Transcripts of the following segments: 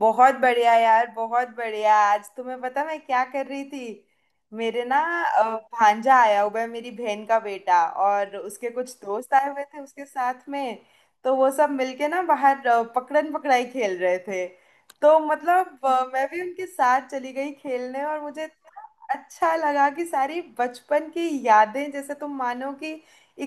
बहुत बढ़िया यार, बहुत बढ़िया। आज तुम्हें पता मैं क्या कर रही थी? मेरे ना भांजा आया हुआ है, मेरी बहन का बेटा, और उसके कुछ दोस्त आए हुए थे उसके साथ में। तो वो सब मिलके ना बाहर पकड़न पकड़ाई खेल रहे थे। तो मतलब मैं भी उनके साथ चली गई खेलने। और मुझे इतना अच्छा लगा कि सारी बचपन की यादें जैसे तुम मानो कि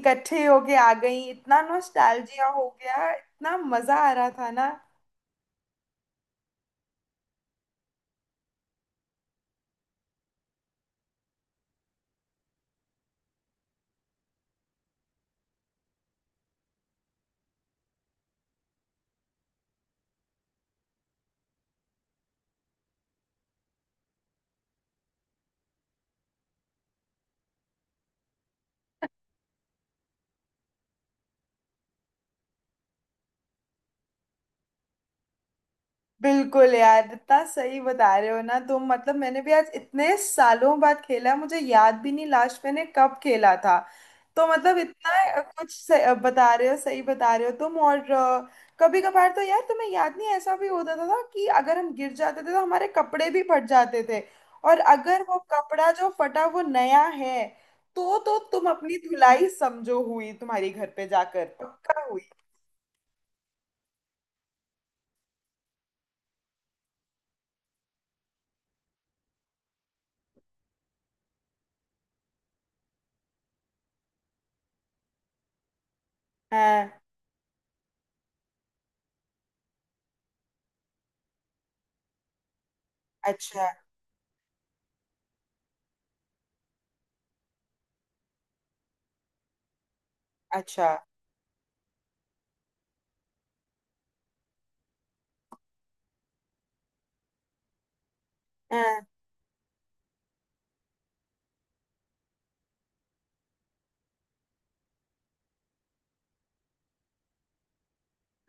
इकट्ठे होके आ गई। इतना नॉस्टैल्जिया हो गया, इतना मजा आ रहा था ना। बिल्कुल यार, इतना सही बता रहे हो ना तुम। मतलब मैंने भी आज इतने सालों बाद खेला, मुझे याद भी नहीं लास्ट मैंने कब खेला था। तो मतलब इतना कुछ बता रहे हो, सही बता रहे हो तुम। और कभी कभार तो यार तुम्हें याद नहीं ऐसा भी होता था कि अगर हम गिर जाते थे तो हमारे कपड़े भी फट जाते थे। और अगर वो कपड़ा जो फटा वो नया है तो तुम अपनी धुलाई समझो हुई, तुम्हारी घर पे जाकर पक्का हुई। हाँ। अच्छा, अच्छा। हाँ।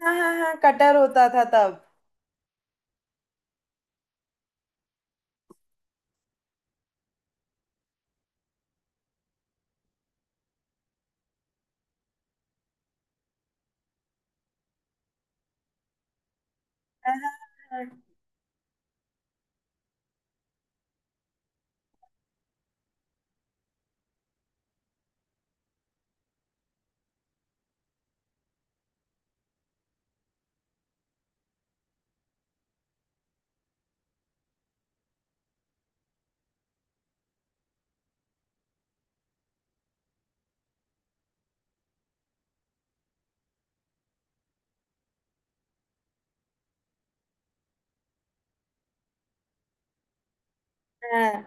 हाँ, हाँ, हाँ, कटर होता था तब। हाँ, हाँ, हाँ, हाँ।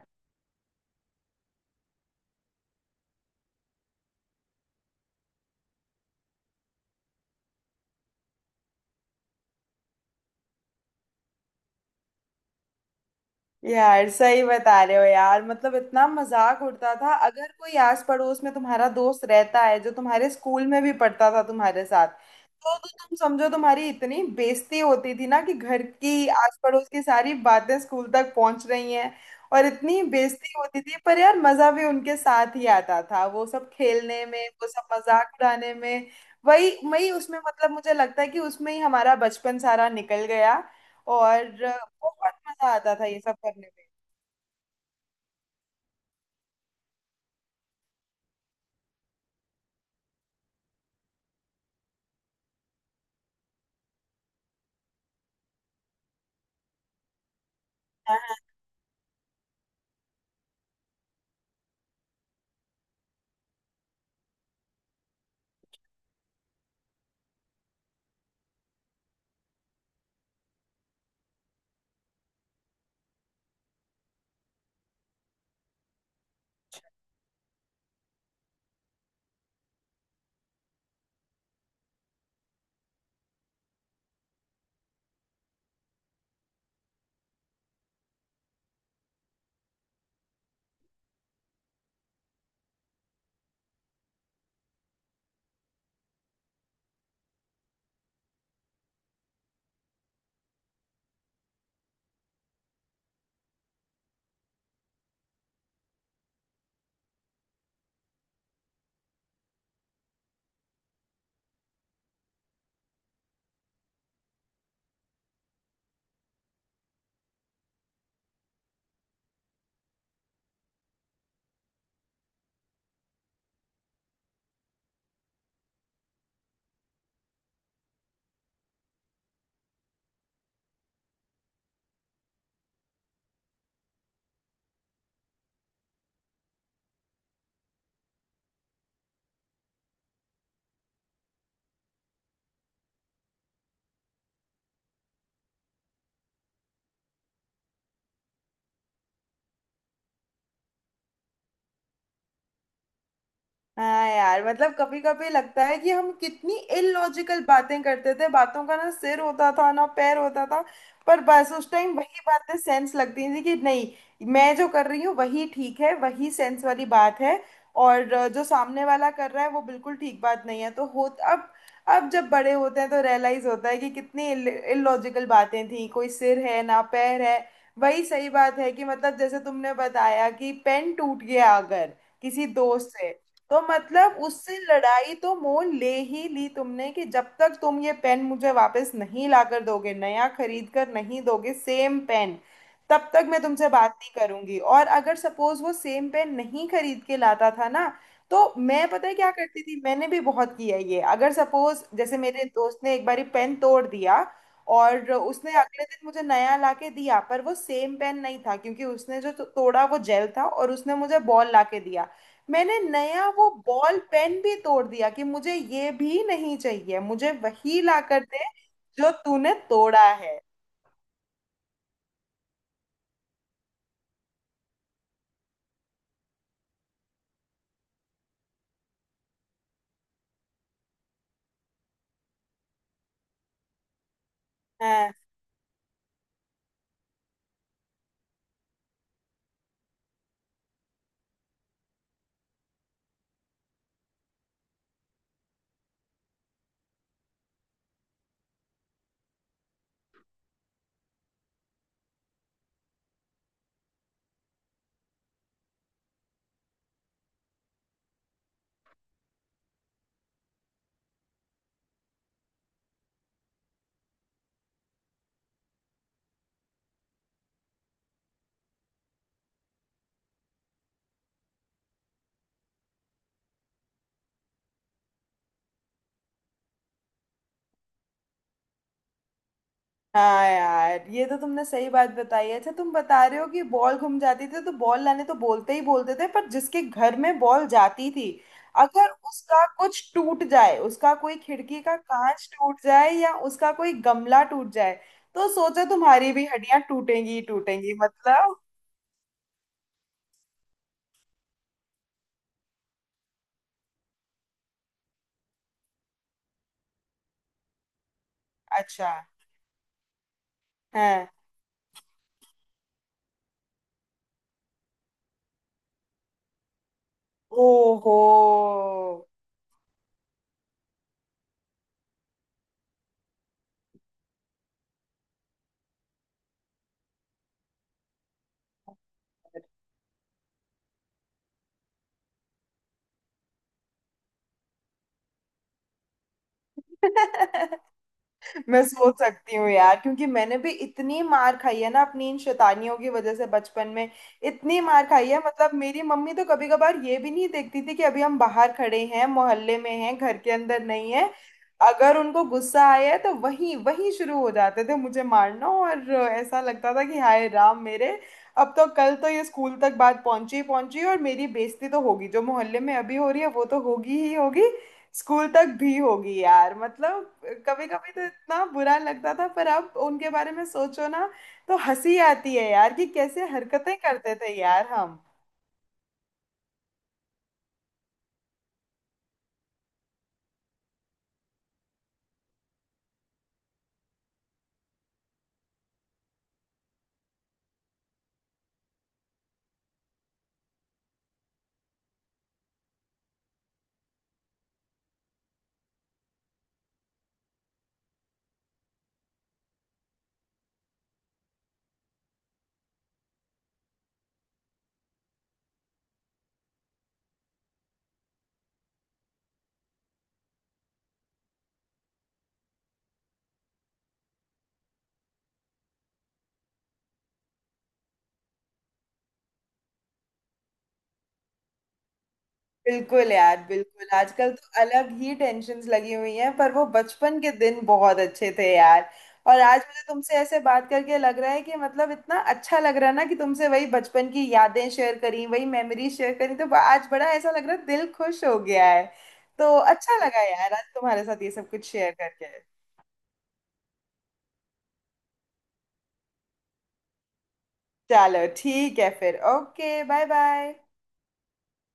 यार सही बता रहे हो यार, मतलब इतना मजाक उड़ता था। अगर कोई आस पड़ोस में तुम्हारा दोस्त रहता है जो तुम्हारे स्कूल में भी पढ़ता था तुम्हारे साथ, तो तुम समझो, तुम्हारी इतनी बेइज्जती होती थी ना कि घर की आस पड़ोस की सारी बातें स्कूल तक पहुंच रही हैं। और इतनी बेइज्जती होती थी, पर यार मजा भी उनके साथ ही आता था, वो सब खेलने में, वो सब मजाक उड़ाने में। वही वही उसमें, मतलब मुझे लगता है कि उसमें ही हमारा बचपन सारा निकल गया। और बहुत मजा आता था ये सब करने में। हाँ यार, मतलब कभी कभी लगता है कि हम कितनी इलॉजिकल बातें करते थे। बातों का ना सिर होता था ना पैर होता था। पर बस उस टाइम वही बातें सेंस लगती थी कि नहीं, मैं जो कर रही हूँ वही ठीक है, वही सेंस वाली बात है। और जो सामने वाला कर रहा है वो बिल्कुल ठीक बात नहीं है। तो हो, अब अब जब बड़े होते हैं तो रियलाइज होता है कि कितनी इलॉजिकल बातें थी, कोई सिर है ना पैर है। वही सही बात है कि मतलब जैसे तुमने बताया कि पेन टूट गया अगर किसी दोस्त से, तो मतलब उससे लड़ाई तो मोल ले ही ली तुमने कि जब तक तुम ये पेन मुझे वापस नहीं लाकर दोगे, नया खरीद कर नहीं दोगे सेम पेन, तब तक मैं तुमसे बात नहीं करूंगी। और अगर सपोज वो सेम पेन नहीं खरीद के लाता था ना, तो मैं पता है क्या करती थी, मैंने भी बहुत किया ये। अगर सपोज जैसे मेरे दोस्त ने एक बारी पेन तोड़ दिया और उसने अगले दिन मुझे नया लाके दिया, पर वो सेम पेन नहीं था क्योंकि उसने जो तोड़ा वो जेल था और उसने मुझे बॉल लाके दिया। मैंने नया वो बॉल पेन भी तोड़ दिया कि मुझे ये भी नहीं चाहिए, मुझे वही ला कर दे जो तूने तोड़ा है। हाँ। हाँ यार, ये तो तुमने सही बात बताई। अच्छा तुम बता रहे हो कि बॉल घूम जाती थी तो बॉल लाने तो बोलते ही बोलते थे, पर जिसके घर में बॉल जाती थी, अगर उसका कुछ टूट जाए, उसका कोई खिड़की का कांच टूट जाए या उसका कोई गमला टूट जाए, तो सोचो तुम्हारी भी हड्डियां टूटेंगी ही टूटेंगी, मतलब। अच्छा। हाँ। ओहो। मैं सोच सकती हूँ यार, क्योंकि मैंने भी इतनी मार खाई है ना अपनी इन शैतानियों की वजह से बचपन में। इतनी मार खाई है, मतलब मेरी मम्मी तो कभी कभार ये भी नहीं देखती थी कि अभी हम बाहर खड़े हैं, मोहल्ले में हैं, घर के अंदर नहीं है। अगर उनको गुस्सा आया है तो वहीं वहीं शुरू हो जाते थे मुझे मारना। और ऐसा लगता था कि हाय राम मेरे, अब तो कल तो ये स्कूल तक बात पहुंची ही पहुंची, और मेरी बेइज्जती तो होगी, जो मोहल्ले में अभी हो रही है वो तो होगी ही होगी, स्कूल तक भी होगी यार। मतलब कभी कभी तो इतना बुरा लगता था, पर अब उनके बारे में सोचो ना तो हंसी आती है यार, कि कैसे हरकतें करते थे यार हम। बिल्कुल यार बिल्कुल, आजकल तो अलग ही टेंशन्स लगी हुई हैं, पर वो बचपन के दिन बहुत अच्छे थे यार। और आज मुझे तुमसे ऐसे बात करके लग रहा है कि मतलब इतना अच्छा लग रहा है ना, कि तुमसे वही बचपन की यादें शेयर करी, वही मेमोरी शेयर करी, तो आज बड़ा ऐसा लग रहा है, दिल खुश हो गया है। तो अच्छा लगा यार आज तुम्हारे साथ ये सब कुछ शेयर करके। चलो ठीक है फिर, ओके, बाय बाय।